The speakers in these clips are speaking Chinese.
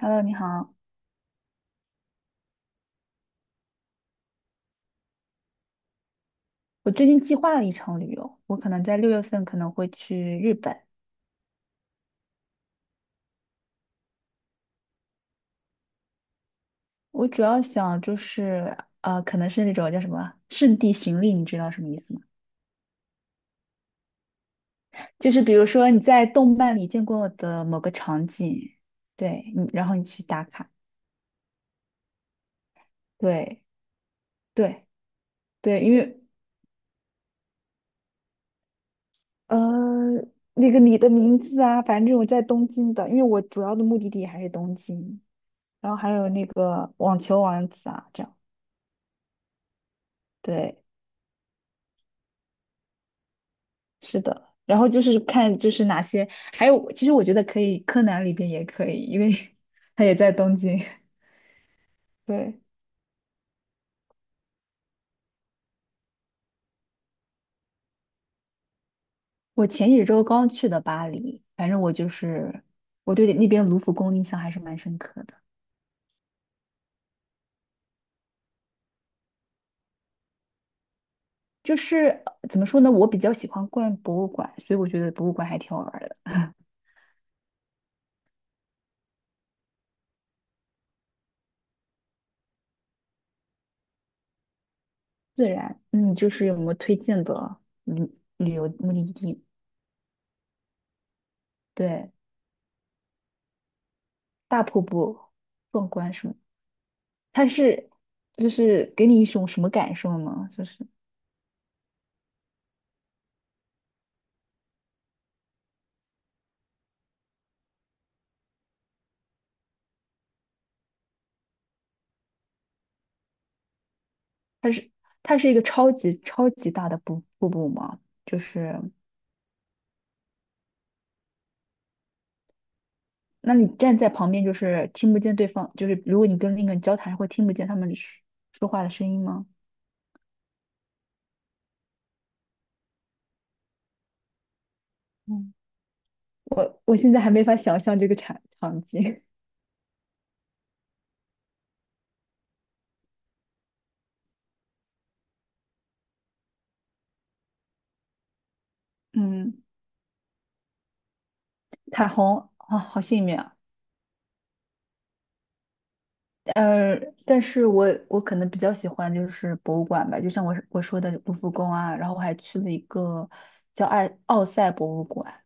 Hello，你好。我最近计划了一场旅游，我可能在六月份可能会去日本。我主要想就是，可能是那种叫什么圣地巡礼，你知道什么意思吗？就是比如说你在动漫里见过的某个场景，对，然后你去打卡，对对对，因为呃，那个你的名字啊，反正这种在东京的，因为我主要的目的地还是东京，然后还有那个网球王子啊，这样。对，是的，然后就是看就是哪些，还有其实我觉得可以，柯南里边也可以，因为 他也在东京。对，我前几周刚去的巴黎，反正我就是我对那边卢浮宫印象还是蛮深刻的。就是怎么说呢，我比较喜欢逛博物馆，所以我觉得博物馆还挺好玩儿的。自然，嗯，就是有没有推荐的旅旅游目的地？对，大瀑布壮观什么？它是就是给你一种什么感受呢？就是。它是它是一个超级超级大的瀑布嘛，就是那你站在旁边就是听不见对方，就是如果你跟另一个人交谈，会听不见他们说话的声音吗？嗯，我现在还没法想象这个场景。嗯，彩虹啊，好幸运啊。呃，但是我可能比较喜欢就是博物馆吧，就像我说的卢浮宫啊，然后我还去了一个叫爱奥赛博物馆。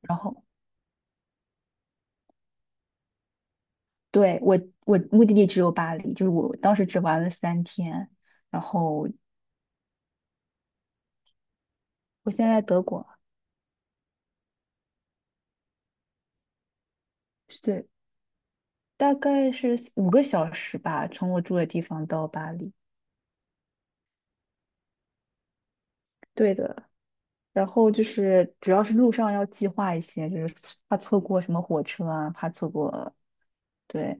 然后。对，我目的地只有巴黎，就是我当时只玩了三天，然后我现在在德国，对，大概是五个小时吧，从我住的地方到巴黎。对的，然后就是主要是路上要计划一些，就是怕错过什么火车啊，怕错过，对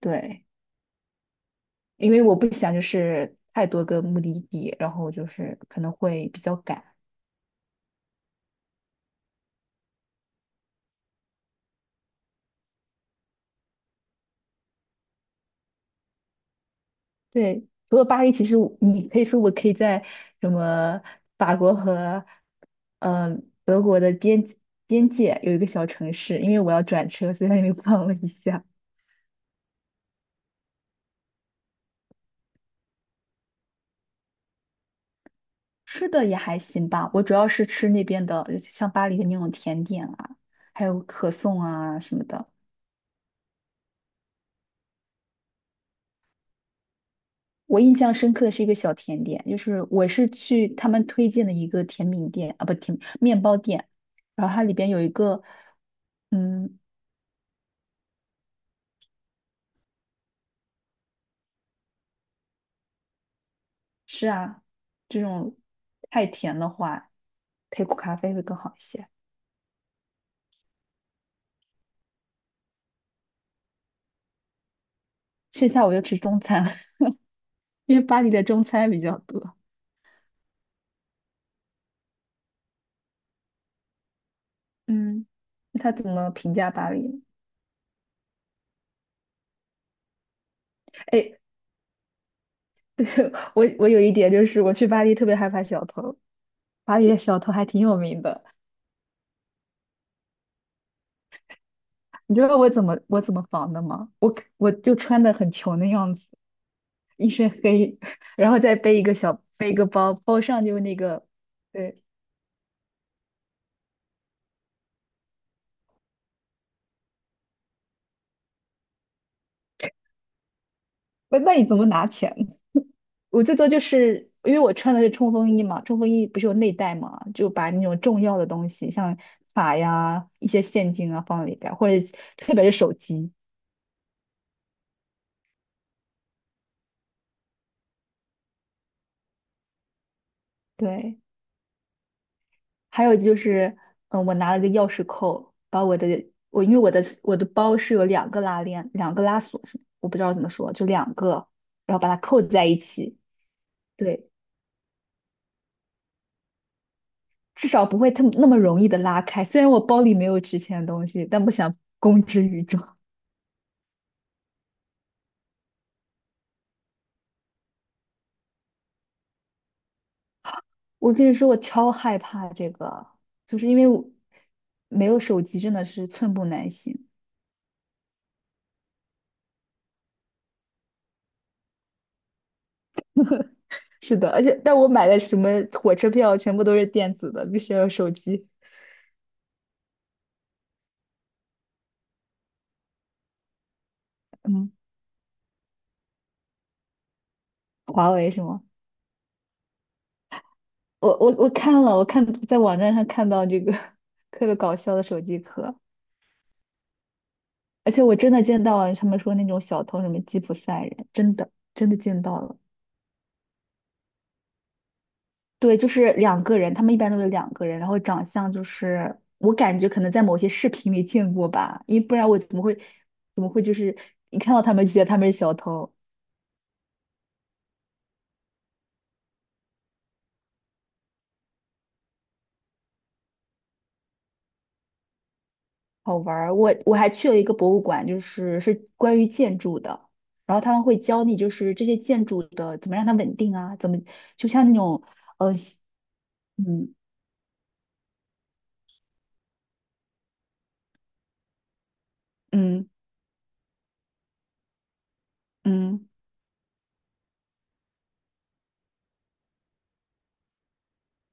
对，因为我不想就是太多个目的地，然后就是可能会比较赶。对，除了巴黎，其实我可以在什么法国和德国的边界有一个小城市，因为我要转车，所以在那边逛了一下。吃的也还行吧，我主要是吃那边的，像巴黎的那种甜点啊，还有可颂啊什么的。我印象深刻的是一个小甜点，就是我是去他们推荐的一个甜品店啊，不甜面包店，然后它里边有一个嗯是啊，这种太甜的话，配苦咖啡会更好一些。剩下我就吃中餐了，因为巴黎的中餐比较多。嗯，那他怎么评价巴黎呢？哎，我有一点就是我去巴黎特别害怕小偷，巴黎的小偷还挺有名的。你知道我怎么防的吗？我就穿的很穷的样子，一身黑，然后再背一个包，包上就是那个，对，那那你怎么拿钱我最多就是因为我穿的是冲锋衣嘛，冲锋衣不是有内袋嘛，就把那种重要的东西，像卡呀、一些现金啊放里边儿，或者特别是手机。对，还有就是，嗯，我拿了个钥匙扣，把我因为我的包是有两个拉链，两个拉锁是，我不知道怎么说，就两个，然后把它扣在一起。对，至少不会特那么容易的拉开。虽然我包里没有值钱的东西，但不想公之于众。我跟你说，我超害怕这个，就是因为我没有手机，真的是寸步难行。是的，而且但我买的什么火车票全部都是电子的，必须要有手机。嗯，华为是吗？我看了，我看在网站上看到这个 特别搞笑的手机壳，而且我真的见到了他们说那种小偷什么吉普赛人，真的真的见到了。对，就是两个人，他们一般都是两个人，然后长相就是我感觉可能在某些视频里见过吧，因为不然我怎么会就是一看到他们就觉得他们是小偷，好玩儿。我还去了一个博物馆，就是是关于建筑的，然后他们会教你就是这些建筑的怎么让它稳定啊，怎么就像那种嗯嗯嗯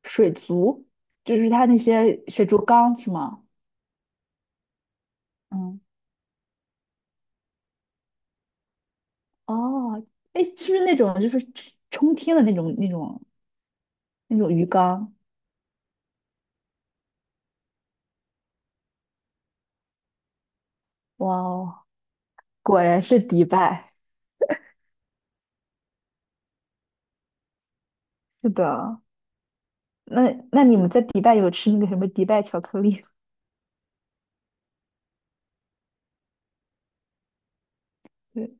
水族，就是它那些水族缸是吗？嗯哦，哎，是不是那种就是冲天的那种那种？那种鱼缸，哇哦，果然是迪拜。是的，那那你们在迪拜有吃那个什么迪拜巧克力吗？对，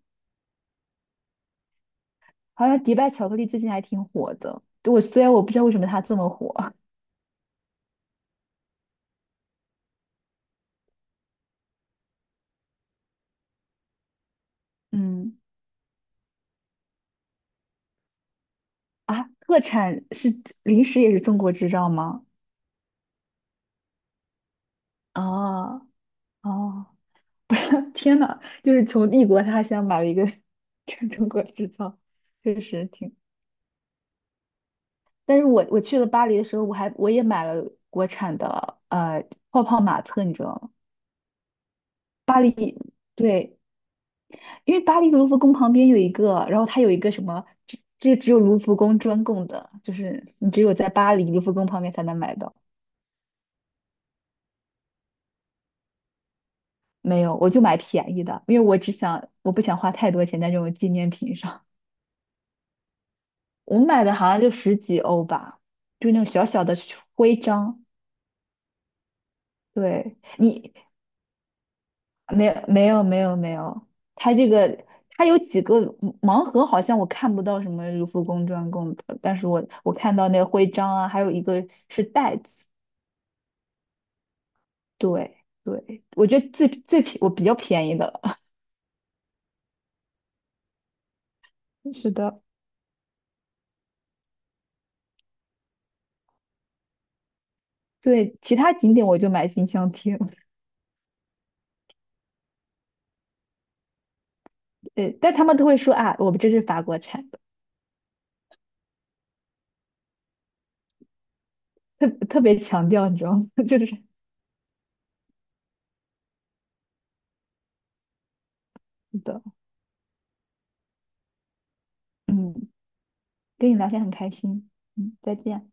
好像迪拜巧克力最近还挺火的。对我虽然我不知道为什么它这么火，嗯啊，特产是零食也是中国制造吗？哦哦，不是，天呐，就是从异国他乡买了一个 中国制造，确实挺。但是我去了巴黎的时候，我也买了国产的泡泡玛特，你知道吗？巴黎，对，因为巴黎卢浮宫旁边有一个，然后它有一个什么，这只有卢浮宫专供的，就是你只有在巴黎卢浮宫旁边才能买到。没有，我就买便宜的，因为我不想花太多钱在这种纪念品上。我买的好像就十几欧吧，就那种小小的徽章。对你，没有没有没有没有，它这个它有几个盲盒，好像我看不到什么卢浮宫专供的，但是我看到那个徽章啊，还有一个是袋子，对对，我觉得最最便我比较便宜的了，是的，对，其他景点我就买冰箱贴，呃，但他们都会说啊，我们这是法国产的，特别强调，你知道吗？就是是的，嗯，跟你聊天很开心，嗯，再见。